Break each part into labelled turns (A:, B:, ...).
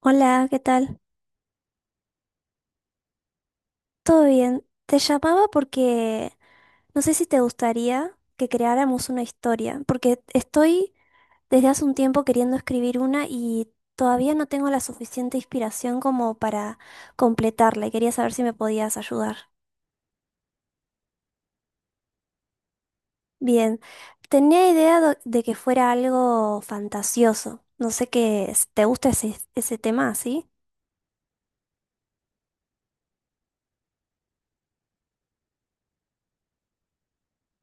A: Hola, ¿qué tal? ¿Todo bien? Te llamaba porque no sé si te gustaría que creáramos una historia, porque estoy desde hace un tiempo queriendo escribir una y todavía no tengo la suficiente inspiración como para completarla y quería saber si me podías ayudar. Bien, tenía idea de que fuera algo fantasioso. No sé te gusta ese tema, ¿sí?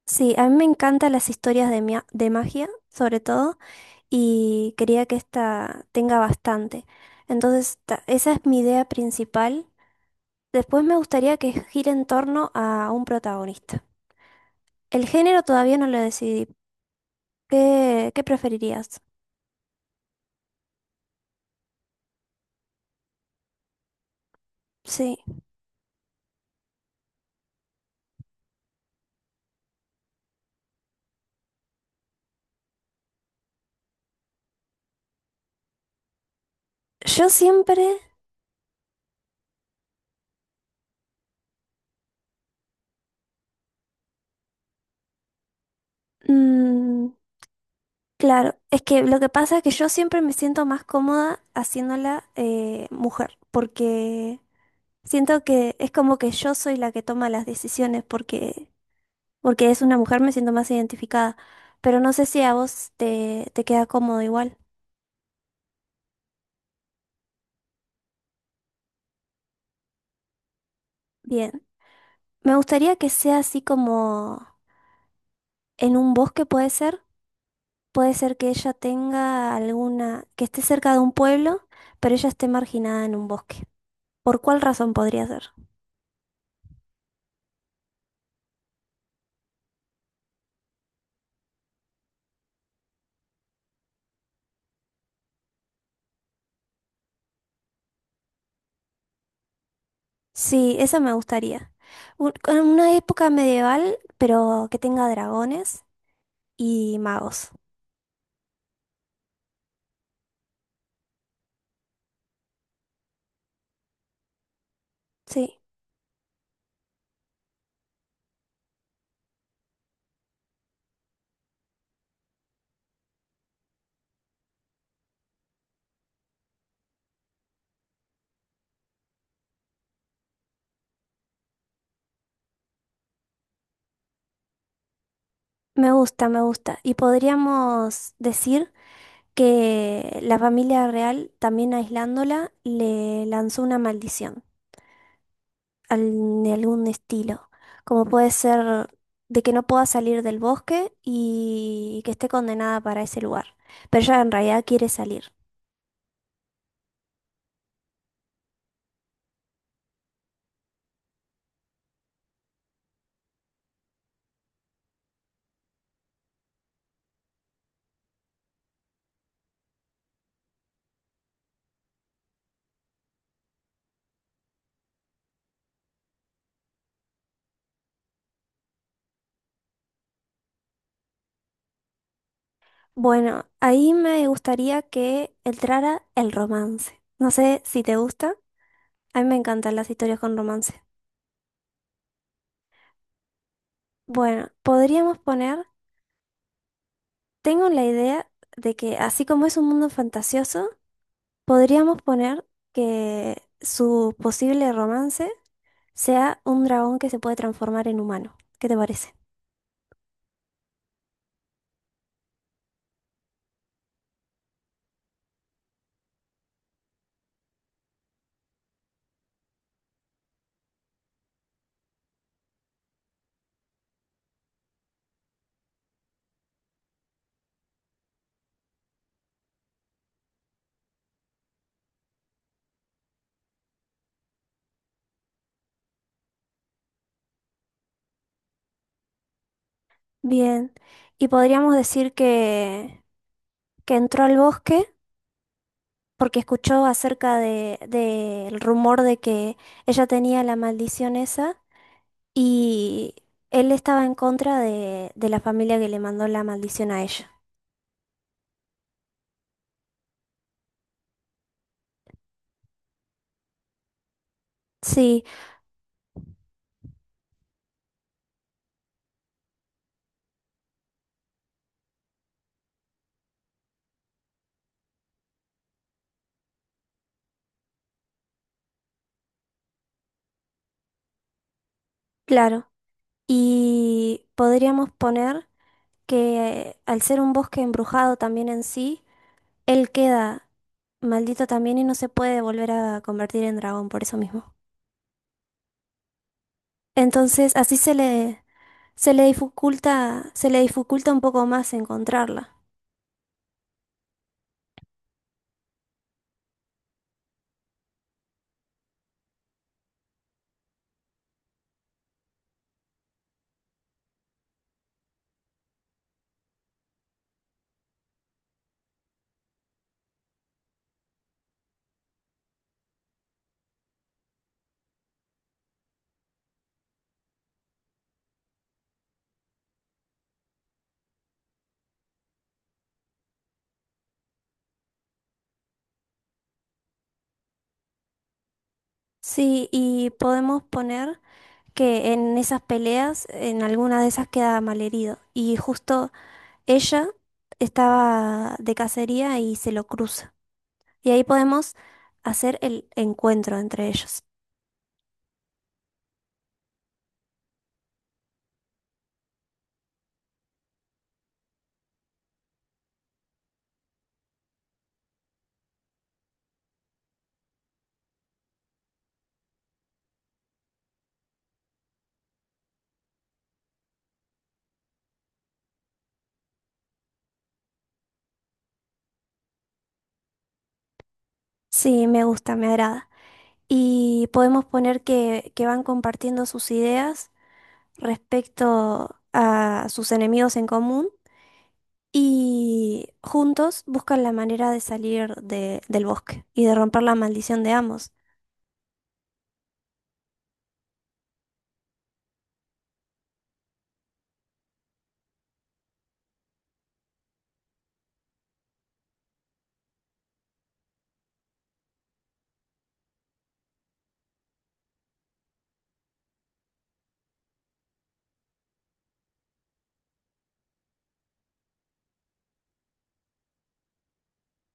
A: Sí, a mí me encantan las historias de magia, sobre todo. Y quería que esta tenga bastante. Entonces, esa es mi idea principal. Después me gustaría que gire en torno a un protagonista. El género todavía no lo decidí. ¿Qué preferirías? Sí. Yo siempre... Mm, claro, es que lo que pasa es que yo siempre me siento más cómoda haciéndola mujer, porque siento que es como que yo soy la que toma las decisiones, porque es una mujer, me siento más identificada, pero no sé si a vos te queda cómodo igual. Bien, me gustaría que sea así como en un bosque puede ser que ella tenga alguna, que esté cerca de un pueblo, pero ella esté marginada en un bosque. ¿Por cuál razón podría ser? Sí, esa me gustaría. Con una época medieval, pero que tenga dragones y magos. Sí, me gusta, me gusta. Y podríamos decir que la familia real, también aislándola, le lanzó una maldición de algún estilo, como puede ser de que no pueda salir del bosque y que esté condenada para ese lugar. Pero ella en realidad quiere salir. Bueno, ahí me gustaría que entrara el romance. No sé si te gusta. A mí me encantan las historias con romance. Bueno, podríamos poner, tengo la idea de que así como es un mundo fantasioso, podríamos poner que su posible romance sea un dragón que se puede transformar en humano. ¿Qué te parece? Bien. Y podríamos decir que entró al bosque porque escuchó acerca del rumor de que ella tenía la maldición esa y él estaba en contra de la familia que le mandó la maldición a ella. Sí, claro. Y podríamos poner que al ser un bosque embrujado también en sí, él queda maldito también y no se puede volver a convertir en dragón por eso mismo. Entonces, se le dificulta un poco más encontrarla. Sí, y podemos poner que en esas peleas, en alguna de esas queda malherido. Y justo ella estaba de cacería y se lo cruza. Y ahí podemos hacer el encuentro entre ellos. Sí, me gusta, me agrada. Y podemos poner que van compartiendo sus ideas respecto a sus enemigos en común y juntos buscan la manera de salir del bosque y de romper la maldición de ambos.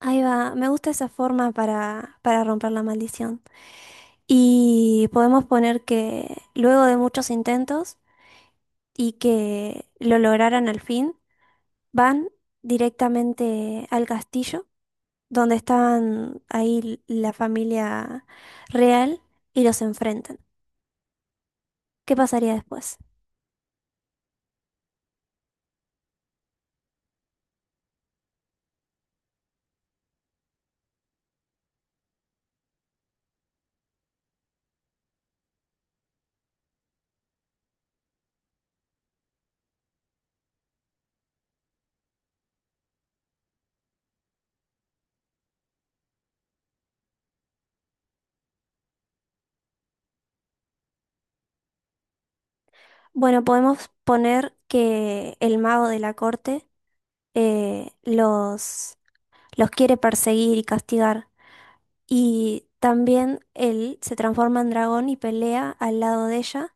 A: Ahí va, me gusta esa forma para romper la maldición. Y podemos poner que luego de muchos intentos y que lo lograran al fin, van directamente al castillo donde estaban ahí la familia real y los enfrentan. ¿Qué pasaría después? Bueno, podemos poner que el mago de la corte eh, los, los quiere perseguir y castigar. Y también él se transforma en dragón y pelea al lado de ella.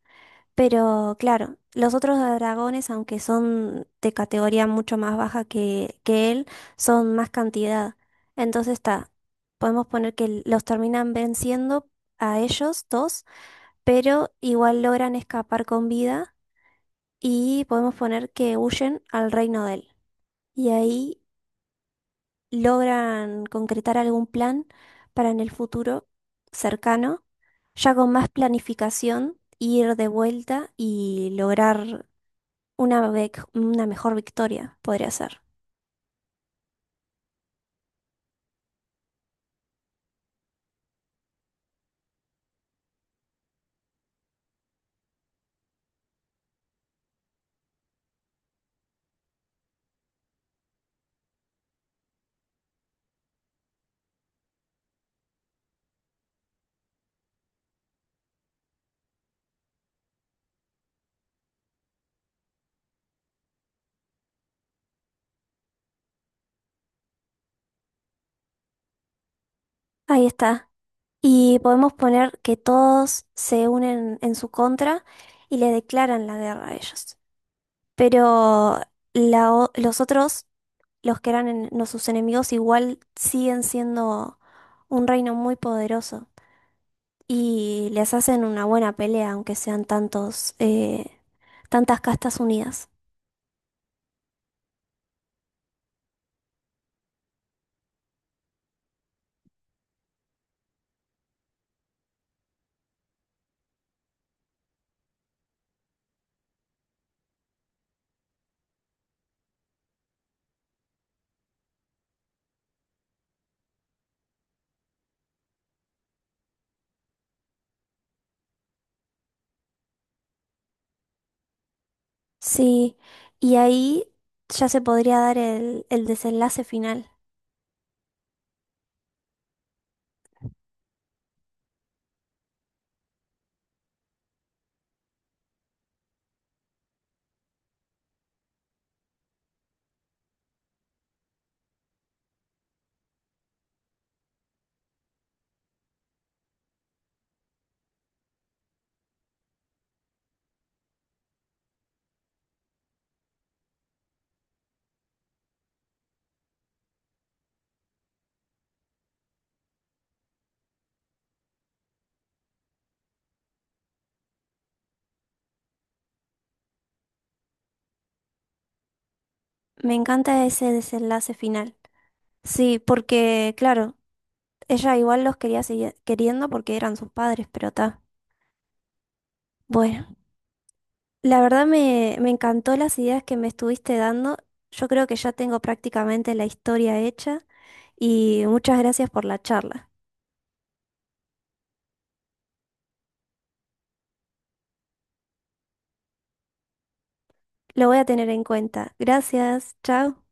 A: Pero claro, los otros dragones, aunque son de categoría mucho más baja que él, son más cantidad. Entonces está, podemos poner que los terminan venciendo a ellos dos, pero igual logran escapar con vida y podemos poner que huyen al reino de él. Y ahí logran concretar algún plan para en el futuro cercano, ya con más planificación, ir de vuelta y lograr una mejor victoria, podría ser. Ahí está. Y podemos poner que todos se unen en su contra y le declaran la guerra a ellos. Pero los otros, los que eran no sus enemigos, igual siguen siendo un reino muy poderoso. Y les hacen una buena pelea, aunque sean tantos, tantas castas unidas. Sí, y ahí ya se podría dar el desenlace final. Me encanta ese desenlace final. Sí, porque, claro, ella igual los quería seguir queriendo porque eran sus padres, pero está. Bueno, la verdad me encantó las ideas que me estuviste dando. Yo creo que ya tengo prácticamente la historia hecha y muchas gracias por la charla. Lo voy a tener en cuenta. Gracias. Chao.